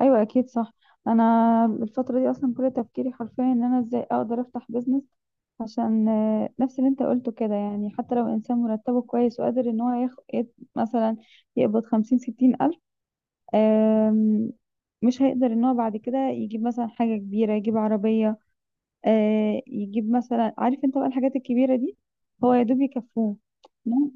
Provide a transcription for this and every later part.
ايوه، اكيد صح. انا الفتره دي اصلا كل تفكيري حرفيا ان انا ازاي اقدر افتح بيزنس، عشان نفس اللي انت قلته كده. يعني حتى لو انسان مرتبه كويس وقادر ان هو ياخد مثلا، يقبض 50 60 ألف، آم، مش هيقدر ان هو بعد كده يجيب مثلا حاجه كبيره، يجيب عربيه. يجيب مثلا، عارف انت بقى الحاجات الكبيره دي، هو يا دوب يكفوه. لا.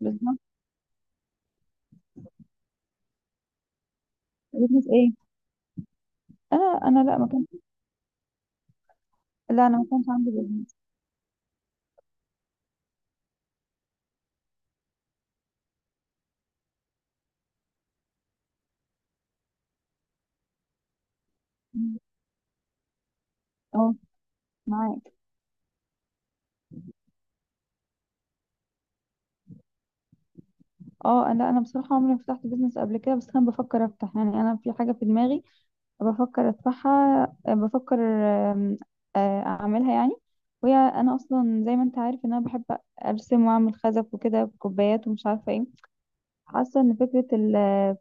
بالظبط. بيزنس ايه؟ انا لا ما كان. لا انا ما كانش عندي بيزنس. اه، معاك. اه، انا انا بصراحه عمري ما فتحت بيزنس قبل كده، بس انا بفكر افتح. يعني انا في حاجه في دماغي بفكر ادفعها، بفكر اعملها يعني. وهي انا اصلا زي ما انت عارف ان انا بحب ارسم واعمل خزف وكده بكوبايات ومش عارفه ايه. حاسه ان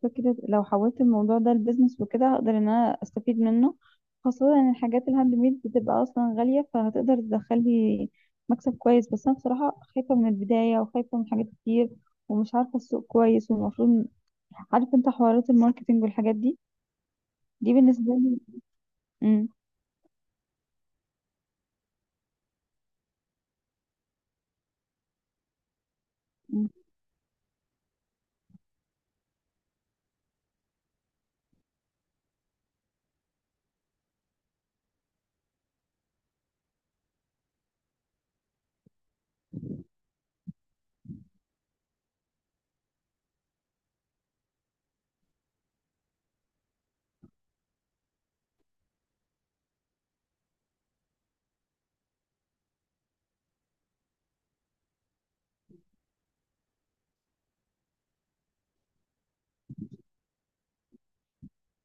فكره لو حولت الموضوع ده لبزنس وكده هقدر ان انا استفيد منه، خاصه ان الحاجات الهاند ميد بتبقى اصلا غاليه، فهتقدر تدخلي مكسب كويس. بس انا بصراحه خايفه من البدايه، وخايفه من حاجات كتير، ومش عارفه السوق كويس. والمفروض، عارف انت، حوارات الماركتينج والحاجات دي، دي بالنسبه لي. امم. امم.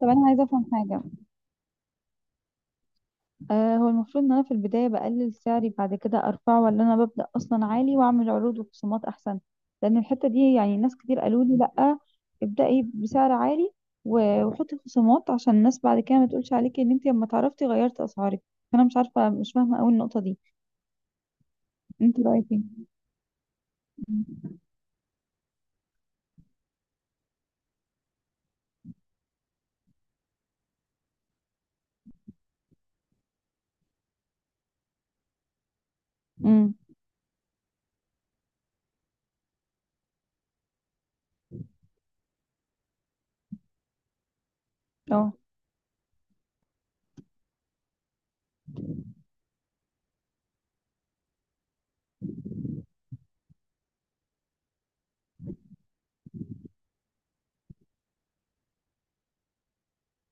طب انا عايزه افهم حاجه. هو المفروض ان انا في البداية بقلل سعري بعد كده ارفعه، ولا انا ببدأ اصلا عالي واعمل عروض وخصومات احسن؟ لان الحتة دي، يعني ناس كتير قالوا لي لا، ابدأي بسعر عالي وحطي خصومات، عشان الناس بعد كده ما تقولش عليكي ان انت لما تعرفتي غيرتي اسعارك. فانا مش عارفة، مش فاهمة قوي النقطة دي. انت رأيك ايه؟ امم. اه.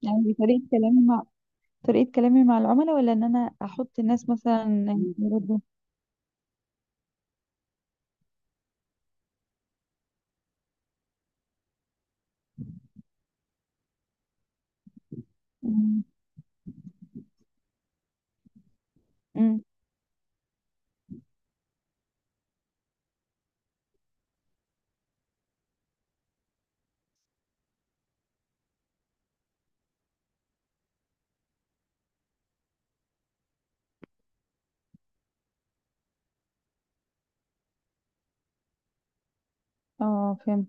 يعني دي طريقة كلامي مع العملاء، ولا ان انا احط الناس مثلا يردوا؟ امم. أمم. اه، فهمت.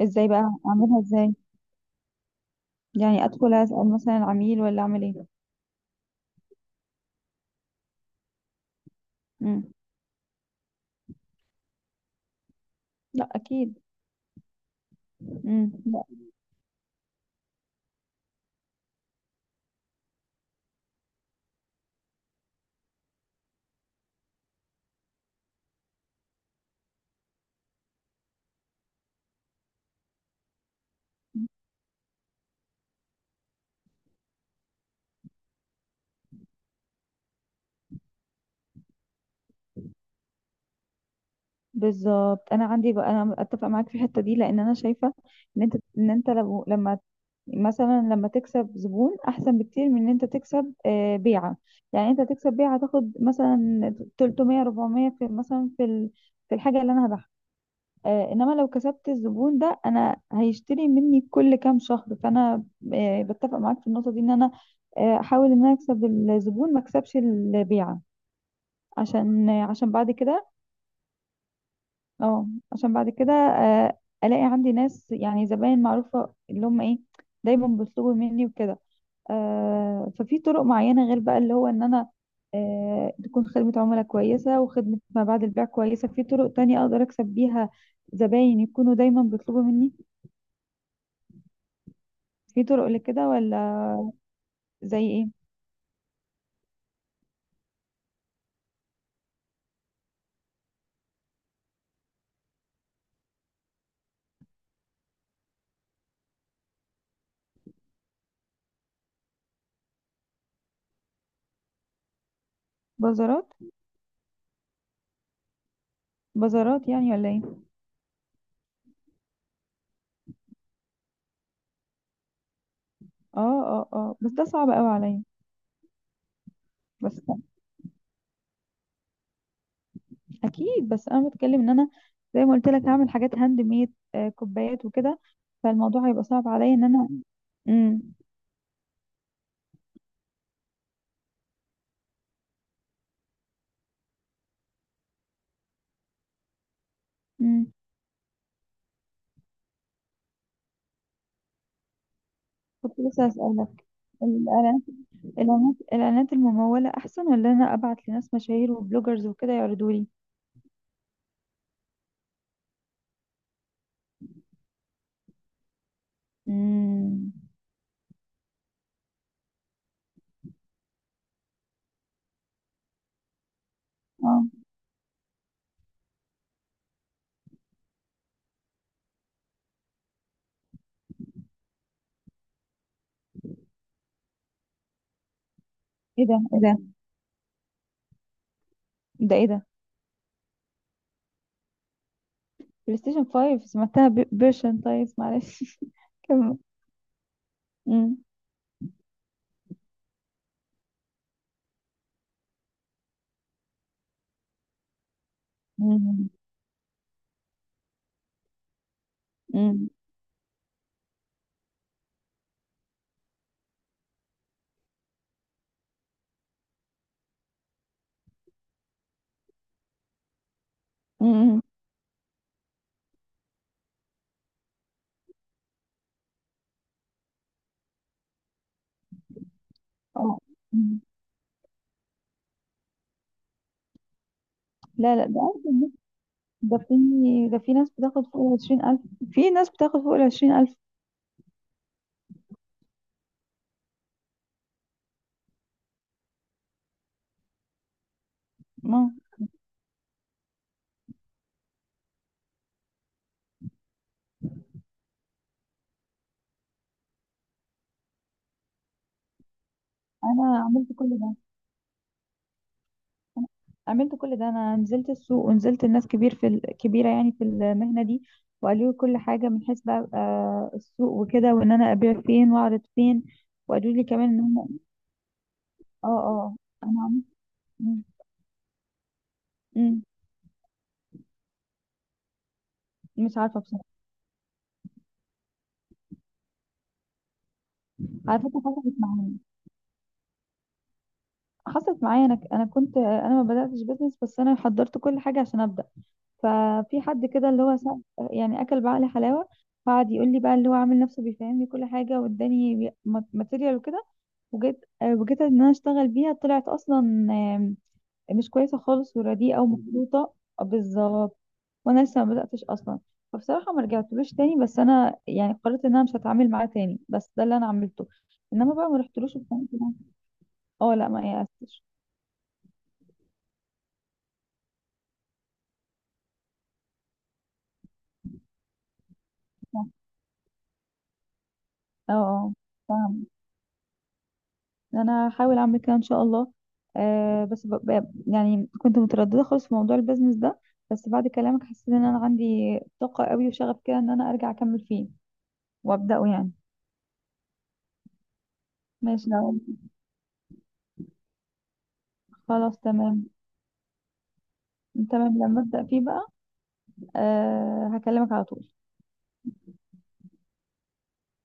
ازاي بقى؟ اعملها ازاي؟ يعني ادخل اسال مثلا العميل، ولا اعمل ايه؟ امم. لا، اكيد. امم. لا. بالظبط. انا عندي بقى، انا اتفق معاك في الحته دي. لان انا شايفه ان انت لو لما مثلا لما تكسب زبون، احسن بكتير من ان انت تكسب بيعه. يعني انت تكسب بيعه تاخد مثلا 300 400 في مثلا في الحاجه اللي انا هبيعها. انما لو كسبت الزبون ده، انا هيشتري مني كل كام شهر. فانا بتفق معاك في النقطة دي، ان انا احاول ان انا اكسب الزبون، ما اكسبش البيعة، عشان بعد كده. اه. عشان بعد كده، الاقي عندي ناس، يعني زباين معروفة، اللي هم ايه، دايما بيطلبوا مني وكده. ففي طرق معينة غير بقى اللي هو ان انا، تكون خدمة عملاء كويسة وخدمة ما بعد البيع كويسة، في طرق تانية اقدر اكسب بيها زباين يكونوا دايما بيطلبوا مني؟ في طرق لكده ولا؟ زي ايه؟ بازارات؟ بازارات يعني ولا ايه؟ اه، اه، اه، بس ده صعب قوي عليا. بس اكيد، بس انا بتكلم ان انا، زي ما قلت لك، هعمل حاجات هاند ميد، آه، كوبايات وكده. فالموضوع هيبقى صعب عليا ان انا. امم. امم، كنت لسه اسالك. الاعلانات الاعلانات الإعلانات المموله احسن، ولا انا ابعت لناس مشاهير وبلوجرز وكده يعرضوا لي؟ امم. اه. ايه ده؟ ايه ده؟ ده ايه ده؟ بلاي ستيشن 5؟ سمعتها بيرشن، طيب معلش. كمل. إمم، إمم، إمم، إمم، آه، إمم، لا، لأ. ده في ده في ناس بتاخد فوق ال20,000. في ناس بتاخد فوق ال20.000. آه، أنا عملت كل ده، عملت كل ده. أنا نزلت السوق، ونزلت لناس كبير في ال كبيرة يعني في المهنة دي، وقالوا لي كل حاجة، من حيث بقى السوق وكده، وإن أنا أبيع فين وأعرض فين. وقالوا لي كمان إن هم، آه، آه، أنا عملت، إمم، إمم، مش عارفة بصراحة. على فكرة حصلت معايا. حصلت معايا. انا ما بداتش بيزنس، بس انا حضرت كل حاجه عشان ابدا. ففي حد كده اللي هو يعني اكل بعقلي حلاوه. قعد يقول لي بقى، اللي هو عامل نفسه بيفهمني كل حاجه، واداني ماتيريال وكده. وجيت ان انا اشتغل بيها، طلعت اصلا مش كويسه خالص، ورديئه ومخلوطه. بالظبط. وانا لسه ما بداتش اصلا. فبصراحه ما رجعتلوش تاني، بس انا يعني قررت ان انا مش هتعامل معاه تاني. بس ده اللي انا عملته، انما بقى ما رحتلوش في حياتي. اه، لا، ما يأستش. اه، اه، فاهم. انا هحاول اعمل كده ان شاء الله. آه بس يعني كنت متردده خالص في موضوع البيزنس ده، بس بعد كلامك حسيت ان انا عندي طاقه قوي وشغف كده ان انا ارجع اكمل فيه وابداه يعني. ماشي، لو خلاص تمام. تمام، لما ابدا فيه بقى، آه هكلمك على طول.